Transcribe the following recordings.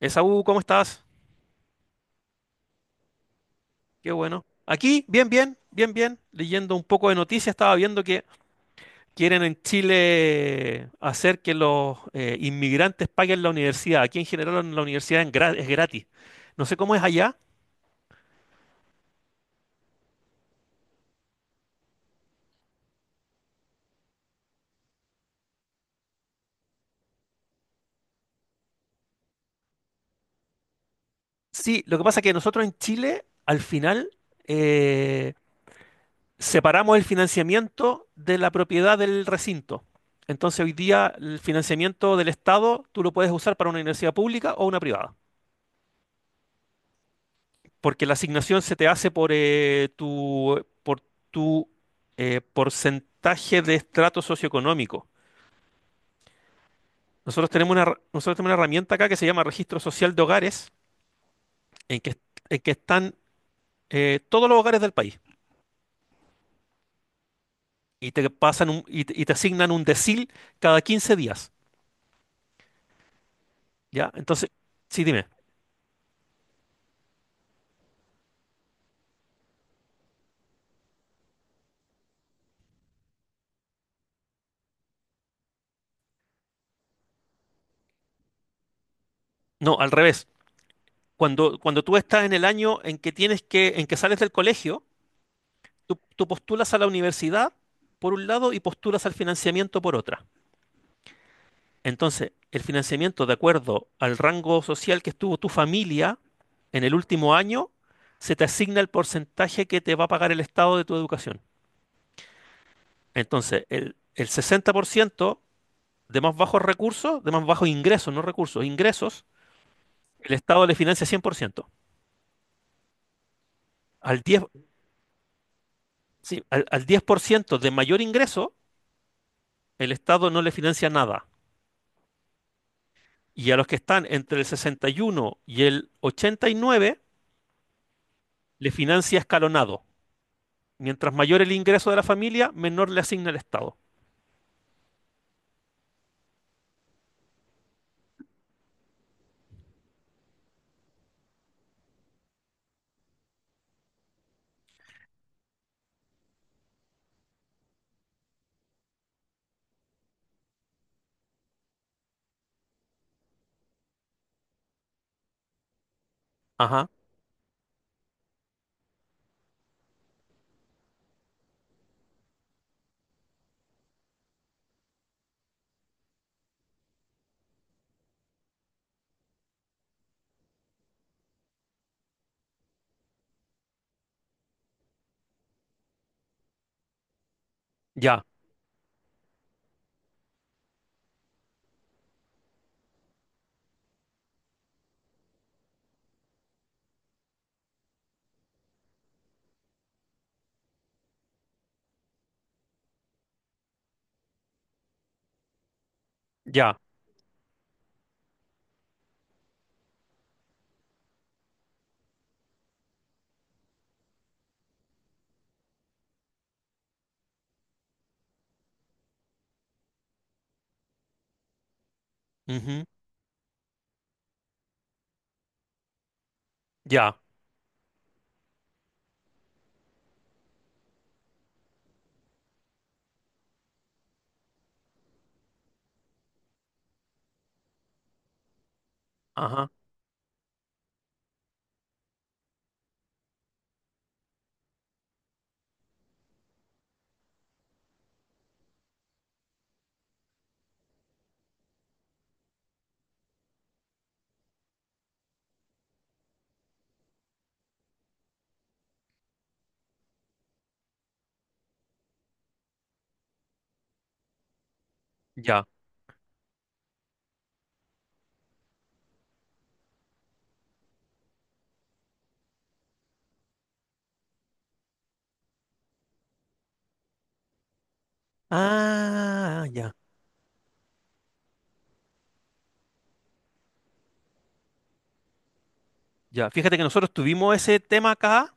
Esaú, ¿cómo estás? Qué bueno. Aquí, bien, bien, bien, bien. Leyendo un poco de noticias, estaba viendo que quieren en Chile hacer que los inmigrantes paguen la universidad. Aquí en general en la universidad es gratis. No sé cómo es allá. Sí, lo que pasa es que nosotros en Chile, al final, eh, separamos el financiamiento de la propiedad del recinto. Entonces, hoy día el financiamiento del Estado tú lo puedes usar para una universidad pública o una privada, porque la asignación se te hace por tu, por tu porcentaje de estrato socioeconómico. Nosotros tenemos una herramienta acá que se llama Registro Social de Hogares, en que, en que están todos los hogares del país y te y te asignan un decil cada 15 días, ¿ya? Entonces, sí, dime. No, al revés. Cuando, cuando tú estás en el año en que tienes que, en que sales del colegio, tú postulas a la universidad por un lado y postulas al financiamiento por otra. Entonces, el financiamiento de acuerdo al rango social que estuvo tu familia en el último año, se te asigna el porcentaje que te va a pagar el Estado de tu educación. Entonces, el 60% de más bajos recursos, de más bajos ingresos, no recursos, ingresos, el Estado le financia 100%. Al 10, sí, al 10% de mayor ingreso, el Estado no le financia nada. Y a los que están entre el 61 y uno y el 89, le financia escalonado. Mientras mayor el ingreso de la familia, menor le asigna el Estado. Ajá, ya, ya, ujú, ya, ajá, ya. Ah, ya, ya. Fíjate que nosotros tuvimos ese tema acá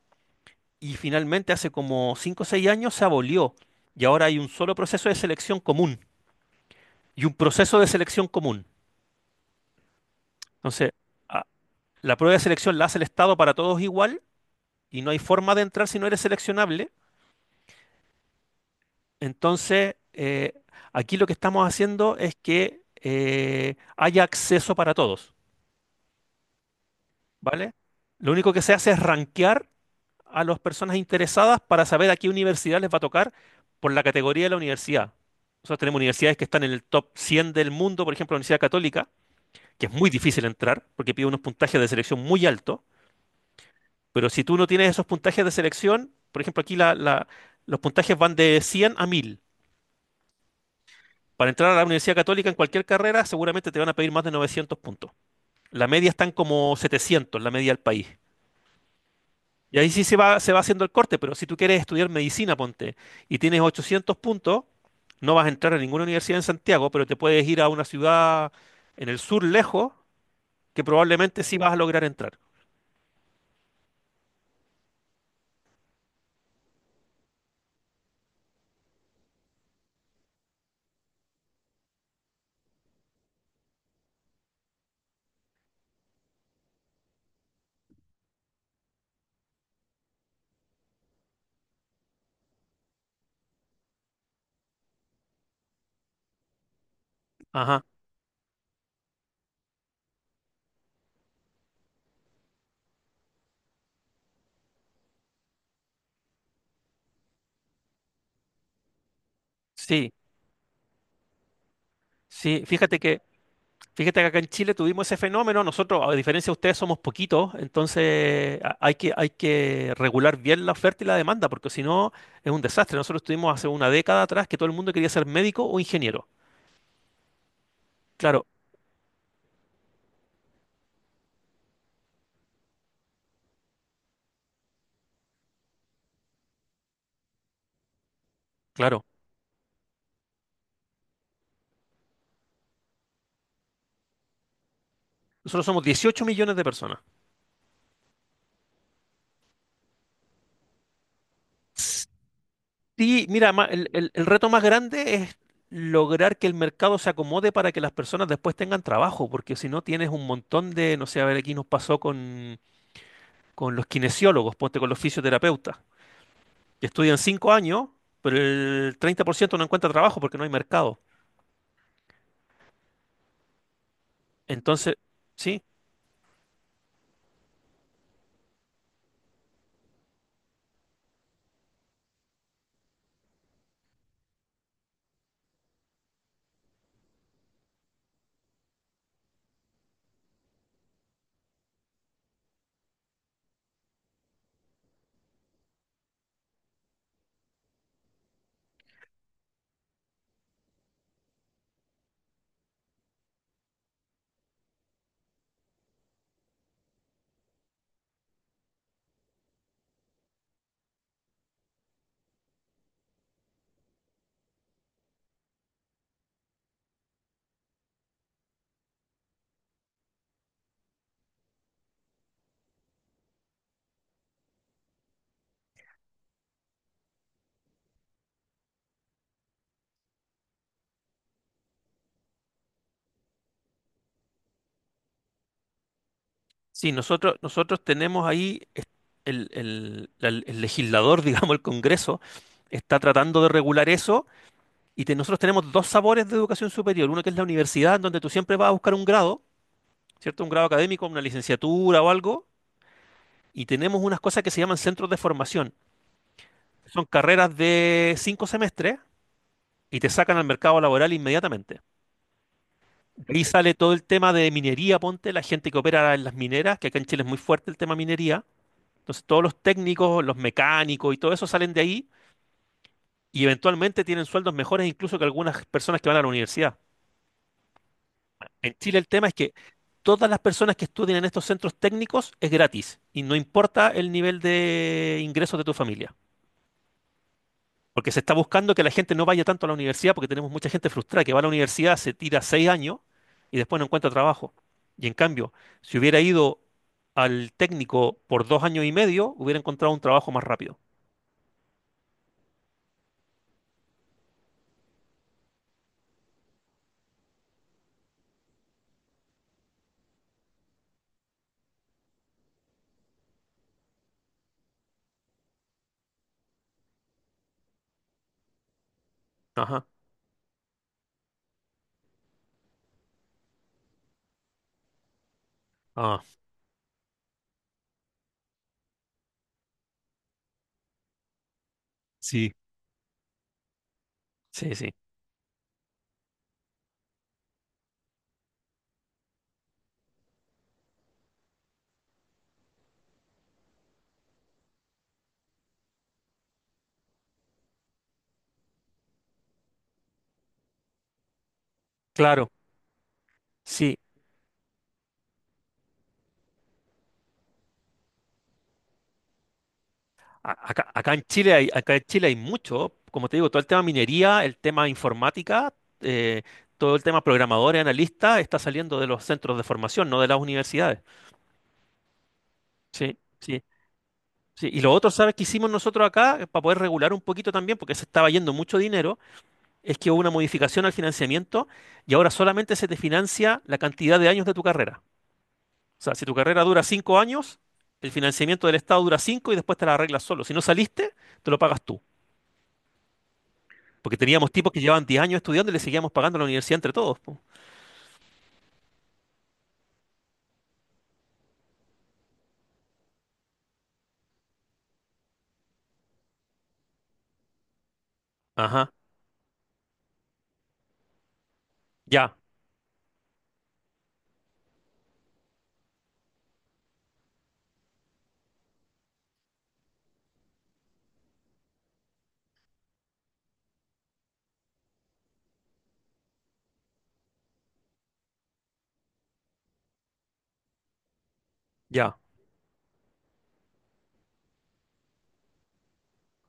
y finalmente hace como 5 o 6 años se abolió. Y ahora hay un solo proceso de selección común y un proceso de selección común. Entonces, a- la prueba de selección la hace el Estado para todos igual y no hay forma de entrar si no eres seleccionable. Entonces, aquí lo que estamos haciendo es que haya acceso para todos, ¿vale? Lo único que se hace es rankear a las personas interesadas para saber a qué universidad les va a tocar por la categoría de la universidad. Nosotros tenemos universidades que están en el top 100 del mundo, por ejemplo, la Universidad Católica, que es muy difícil entrar porque pide unos puntajes de selección muy altos, pero si tú no tienes esos puntajes de selección, por ejemplo, aquí los puntajes van de 100 a 1000. Para entrar a la Universidad Católica en cualquier carrera, seguramente te van a pedir más de 900 puntos. La media están como 700, la media del país. Y ahí sí se va haciendo el corte, pero si tú quieres estudiar medicina, ponte, y tienes 800 puntos, no vas a entrar a ninguna universidad en Santiago, pero te puedes ir a una ciudad en el sur lejos, que probablemente sí vas a lograr entrar. Ajá, sí, sí. Fíjate que acá en Chile tuvimos ese fenómeno. Nosotros, a diferencia de ustedes, somos poquitos, entonces hay que regular bien la oferta y la demanda, porque si no es un desastre. Nosotros tuvimos hace una década atrás que todo el mundo quería ser médico o ingeniero. Claro, claro. Nosotros somos 18 millones de personas. Sí, mira, ma- el reto más grande es lograr que el mercado se acomode para que las personas después tengan trabajo, porque si no tienes un montón de, no sé, a ver, aquí nos pasó con los kinesiólogos, ponte con los fisioterapeutas. Estudian cinco años, pero el 30% no encuentra trabajo porque no hay mercado. Entonces, sí, sí, nosotros tenemos ahí es- el- la- el legislador, digamos, el Congreso, está tratando de regular eso y nosotros tenemos dos sabores de educación superior. Uno que es la universidad, en donde tú siempre vas a buscar un grado, ¿cierto? Un grado académico, una licenciatura o algo. Y tenemos unas cosas que se llaman centros de formación. Son carreras de cinco semestres y te sacan al mercado laboral inmediatamente. Ahí sale todo el tema de minería, ponte, la gente que opera en las mineras, que acá en Chile es muy fuerte el tema minería. Entonces todos los técnicos, los mecánicos y todo eso salen de ahí y eventualmente tienen sueldos mejores incluso que algunas personas que van a la universidad. En Chile el tema es que todas las personas que estudian en estos centros técnicos es gratis y no importa el nivel de ingresos de tu familia. Porque se está buscando que la gente no vaya tanto a la universidad, porque tenemos mucha gente frustrada que va a la universidad, se tira seis años y después no encuentra trabajo. Y en cambio, si hubiera ido al técnico por dos años y medio, hubiera encontrado un trabajo más rápido. Ajá. Ah, sí, sí, sí. Claro, sí. Acá, acá en Chile hay mucho, como te digo, todo el tema minería, el tema informática, eh, todo el tema programadores, analistas, está saliendo de los centros de formación, no de las universidades. Sí, sí. Sí, y lo otro, ¿sabes qué hicimos nosotros acá para poder regular un poquito también, porque se estaba yendo mucho dinero? Es que hubo una modificación al financiamiento y ahora solamente se te financia la cantidad de años de tu carrera. O sea, si tu carrera dura cinco años, el financiamiento del Estado dura cinco y después te la arreglas solo. Si no saliste, te lo pagas tú. Porque teníamos tipos que llevaban 10 años estudiando y le seguíamos pagando a la universidad entre todos. Po. Ajá, ya, ya,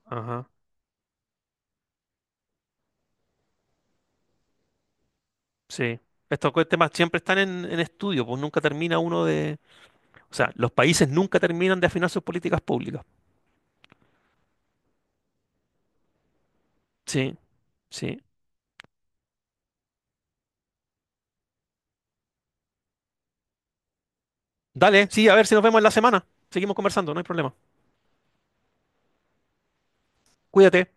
ajá, sí. Temas siempre están en estudio, pues nunca termina uno de... O sea, los países nunca terminan de afinar sus políticas públicas. Sí, sí. Dale, sí, a ver si nos vemos en la semana. Seguimos conversando, no hay problema. Cuídate.